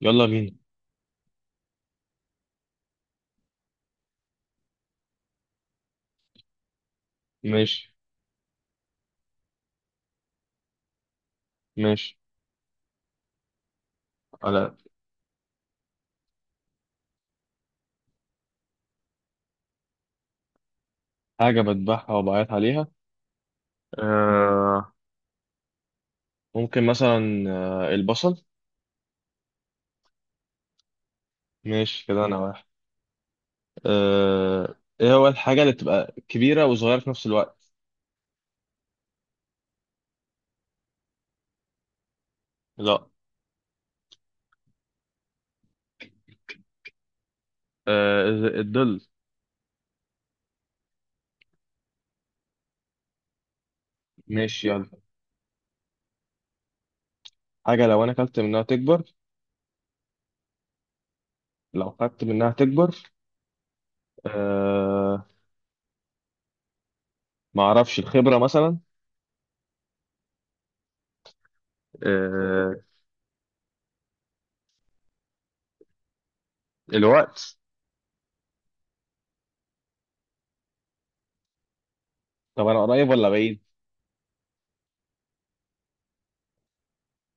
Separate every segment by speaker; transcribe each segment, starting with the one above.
Speaker 1: يلا بينا. ماشي، ماشي على حاجة بذبحها وبعيط عليها. آه، ممكن مثلا البصل. ماشي كده، أنا واحد. آه، إيه هو الحاجة اللي بتبقى كبيرة وصغيرة في نفس الوقت؟ لا. آه، الظل. ماشي يلا. حاجة لو أنا أكلت منها تكبر، لو خدت منها تكبر. آه، معرفش، الخبرة مثلا. آه، الوقت. طب أنا قريب ولا بعيد؟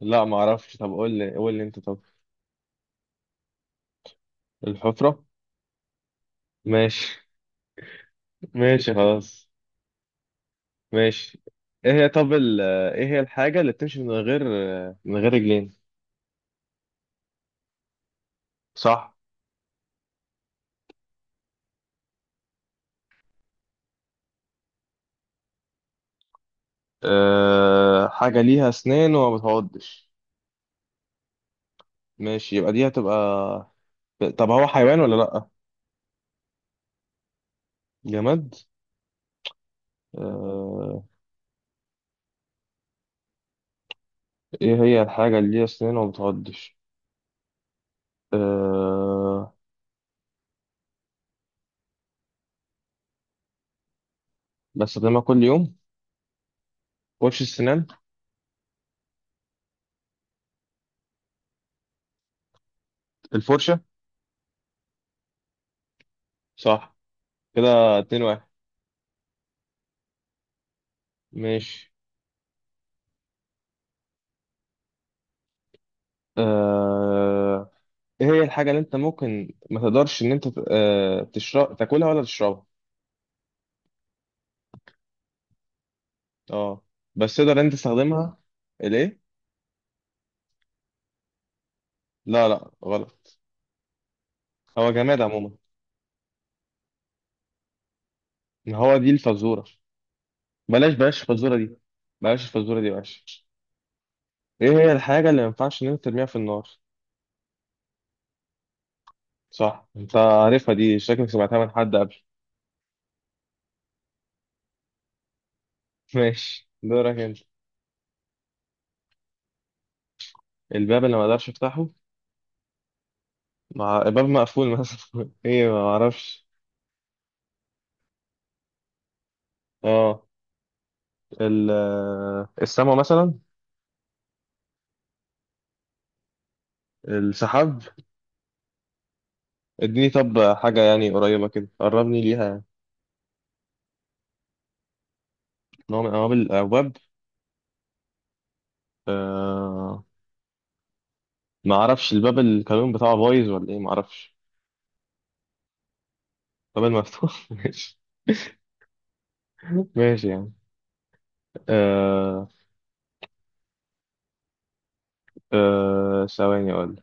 Speaker 1: لا معرفش، طب قول لي أنت طب. الحفرة. ماشي. ماشي خلاص. ماشي. ايه هي طب ايه هي الحاجة اللي بتمشي من غير رجلين. صح. حاجة ليها اسنان وما بتعضش. ماشي، يبقى دي هتبقى، طب هو حيوان ولا لأ، جماد. أه... ايه هي الحاجة اللي ليها اسنان وما بتعضش؟ أه... بستخدمها كل يوم. فرش السنان. الفرشة. صح. كده اتنين واحد. ماشي. أه... ايه هي الحاجة اللي انت ممكن ما تقدرش ان انت تشرب، تاكلها ولا تشربها؟ اه. بس تقدر انت تستخدمها. ليه؟ لا لا، غلط. هو جماد عموما. ما هو دي الفزورة. بلاش، بلاش الفزورة دي، بلاش الفزورة دي، بلاش. ايه هي الحاجة اللي ما ينفعش ان انت ترميها في النار؟ صح، انت عارفها دي، شكلك سمعتها من حد قبل. ماشي، دورك انت. الباب اللي ما اقدرش افتحه، مع الباب مقفول مثلا. ايه، ما اعرفش. اه. السما مثلا. السحاب. اديني طب حاجة يعني قريبة كده، قربني ليها يعني. نوع من أنواع الأبواب. آه، ما أعرفش، الباب الكالون بتاعه بايظ ولا إيه، ما أعرفش. الباب المفتوح. ماشي. ماشي يعني. آه. آه، ثواني أقول،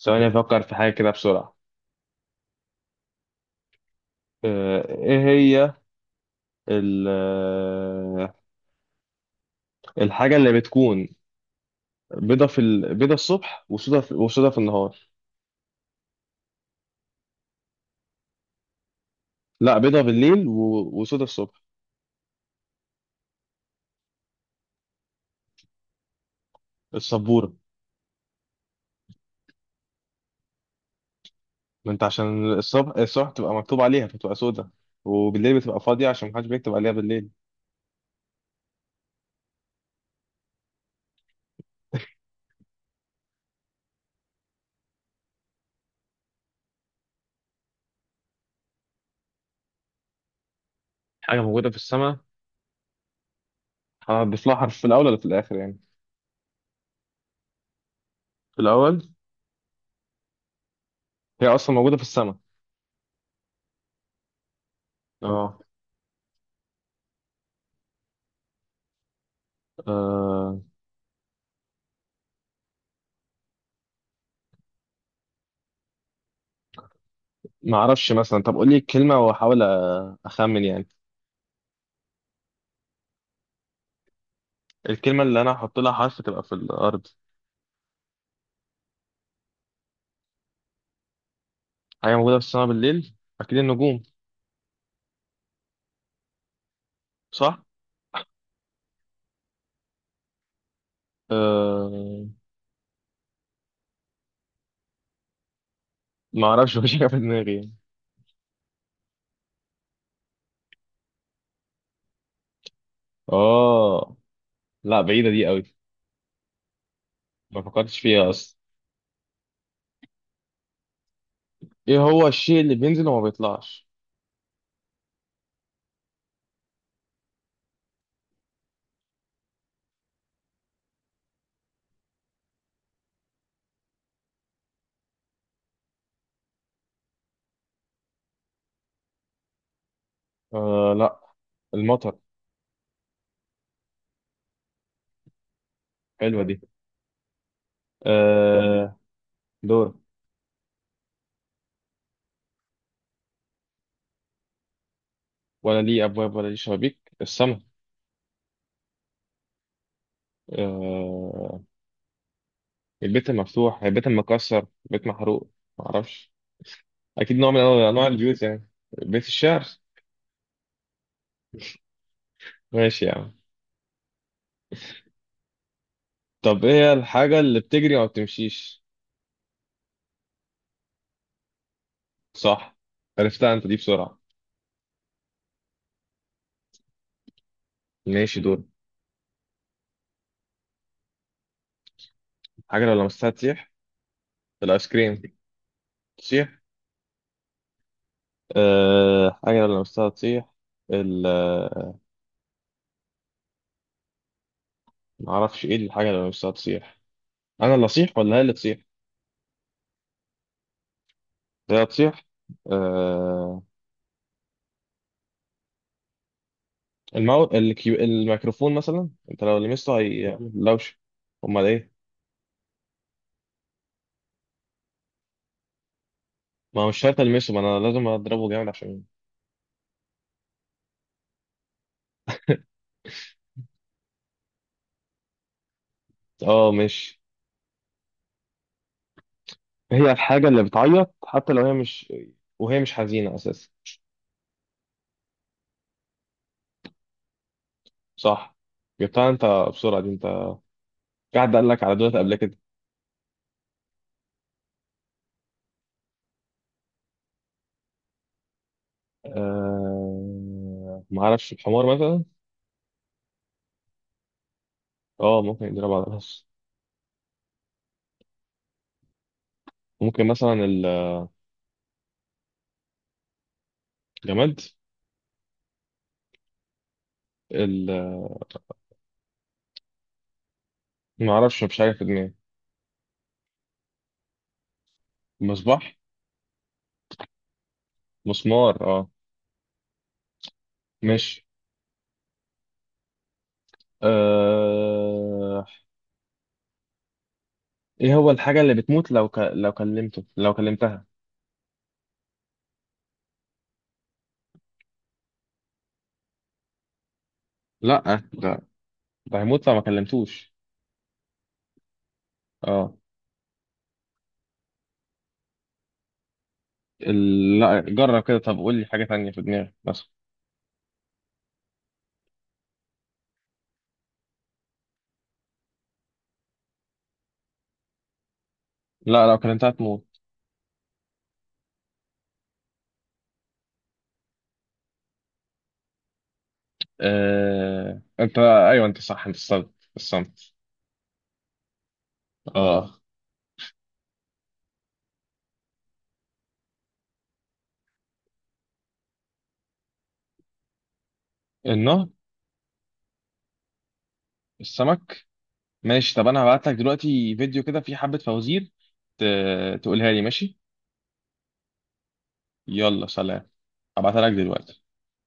Speaker 1: ثواني أفكر في حاجة كده بسرعة. آه، إيه هي ال- آه، الحاجة اللي بتكون بيضة في بيضة الصبح وسودة وسودة في النهار. لا، بيضة بالليل وسودة الصبح. السبورة. ما انت عشان الصبح، بتبقى مكتوب عليها فتبقى سودة، وبالليل بتبقى فاضية عشان محدش بيكتب عليها بالليل. حاجة موجودة في السماء، هضيف لها حرف في الأول ولا في الآخر يعني؟ في الأول. هي أصلا موجودة في السماء. اه. آه، ما أعرفش، مثلا طب قولي الكلمة وأحاول أخمن يعني. الكلمة اللي أنا هحط لها حرف تبقى في الأرض. حاجة موجودة في السماء بالليل، أكيد النجوم، صح؟ أه، ما أعرفش. مفيش حاجة في دماغي يعني. آه، لا، بعيدة دي قوي. ما فكرتش فيها أصلا. إيه هو الشيء اللي بينزل وما بيطلعش؟ آه لا، المطر. حلوة دي. آه، دور. ولا ليه أبواب ولا ليه شبابيك، السما. آه. البيت المفتوح، البيت المكسر، البيت محروق، معرفش. أكيد نوع من أنواع البيوت يعني. بيت الشعر. ماشي يعني. طب إيه هي الحاجة اللي بتجري وما بتمشيش؟ صح. عرفتها أنت دي بسرعة. ماشي، دور. حاجة لو لمستها تسيح، الآيس كريم. تسيح. آه، حاجة لو لمستها تسيح، ال معرفش إيه الحاجة اللي لو لمستها تسيح. انا اللي اصيح ولا هي اللي تصيح؟ هي هتصيح. آه، الميكروفون مثلا، انت لو لمسته هي لوش. امال ايه؟ ما هو مش شرط المسه، ما انا لازم اضربه جامد عشان… اه، مش… هي الحاجه اللي بتعيط حتى لو هي مش، وهي مش حزينه اساسا. صح. جبتها انت بسرعه دي انت، في حد قال لك على دولت قبل كده؟ ما اعرفش، الحمار مثلا. اه، ممكن يضرب على الراس. ممكن مثلا. الجماد. ال... ما اعرفش، مش عارف، في دماغي. المصباح. مسمار، اه. ماشي. آه... ايه هو الحاجة اللي بتموت لو لو كلمته، لو كلمتها؟ لا. ده، ده هيموت لو ما كلمتوش. اه. لا، جرب كده، طب قول لي حاجة تانية في دماغك بس. لا، لو كلمتها تموت. انت ايوه، انت صح، انت الصمت، الصمت. اه. النهر. السمك. ماشي. طب انا هبعت لك دلوقتي فيديو كده فيه حبة فوازير، ت... تقولها لي، ماشي. يلا سلام. هبعتها لك دلوقتي.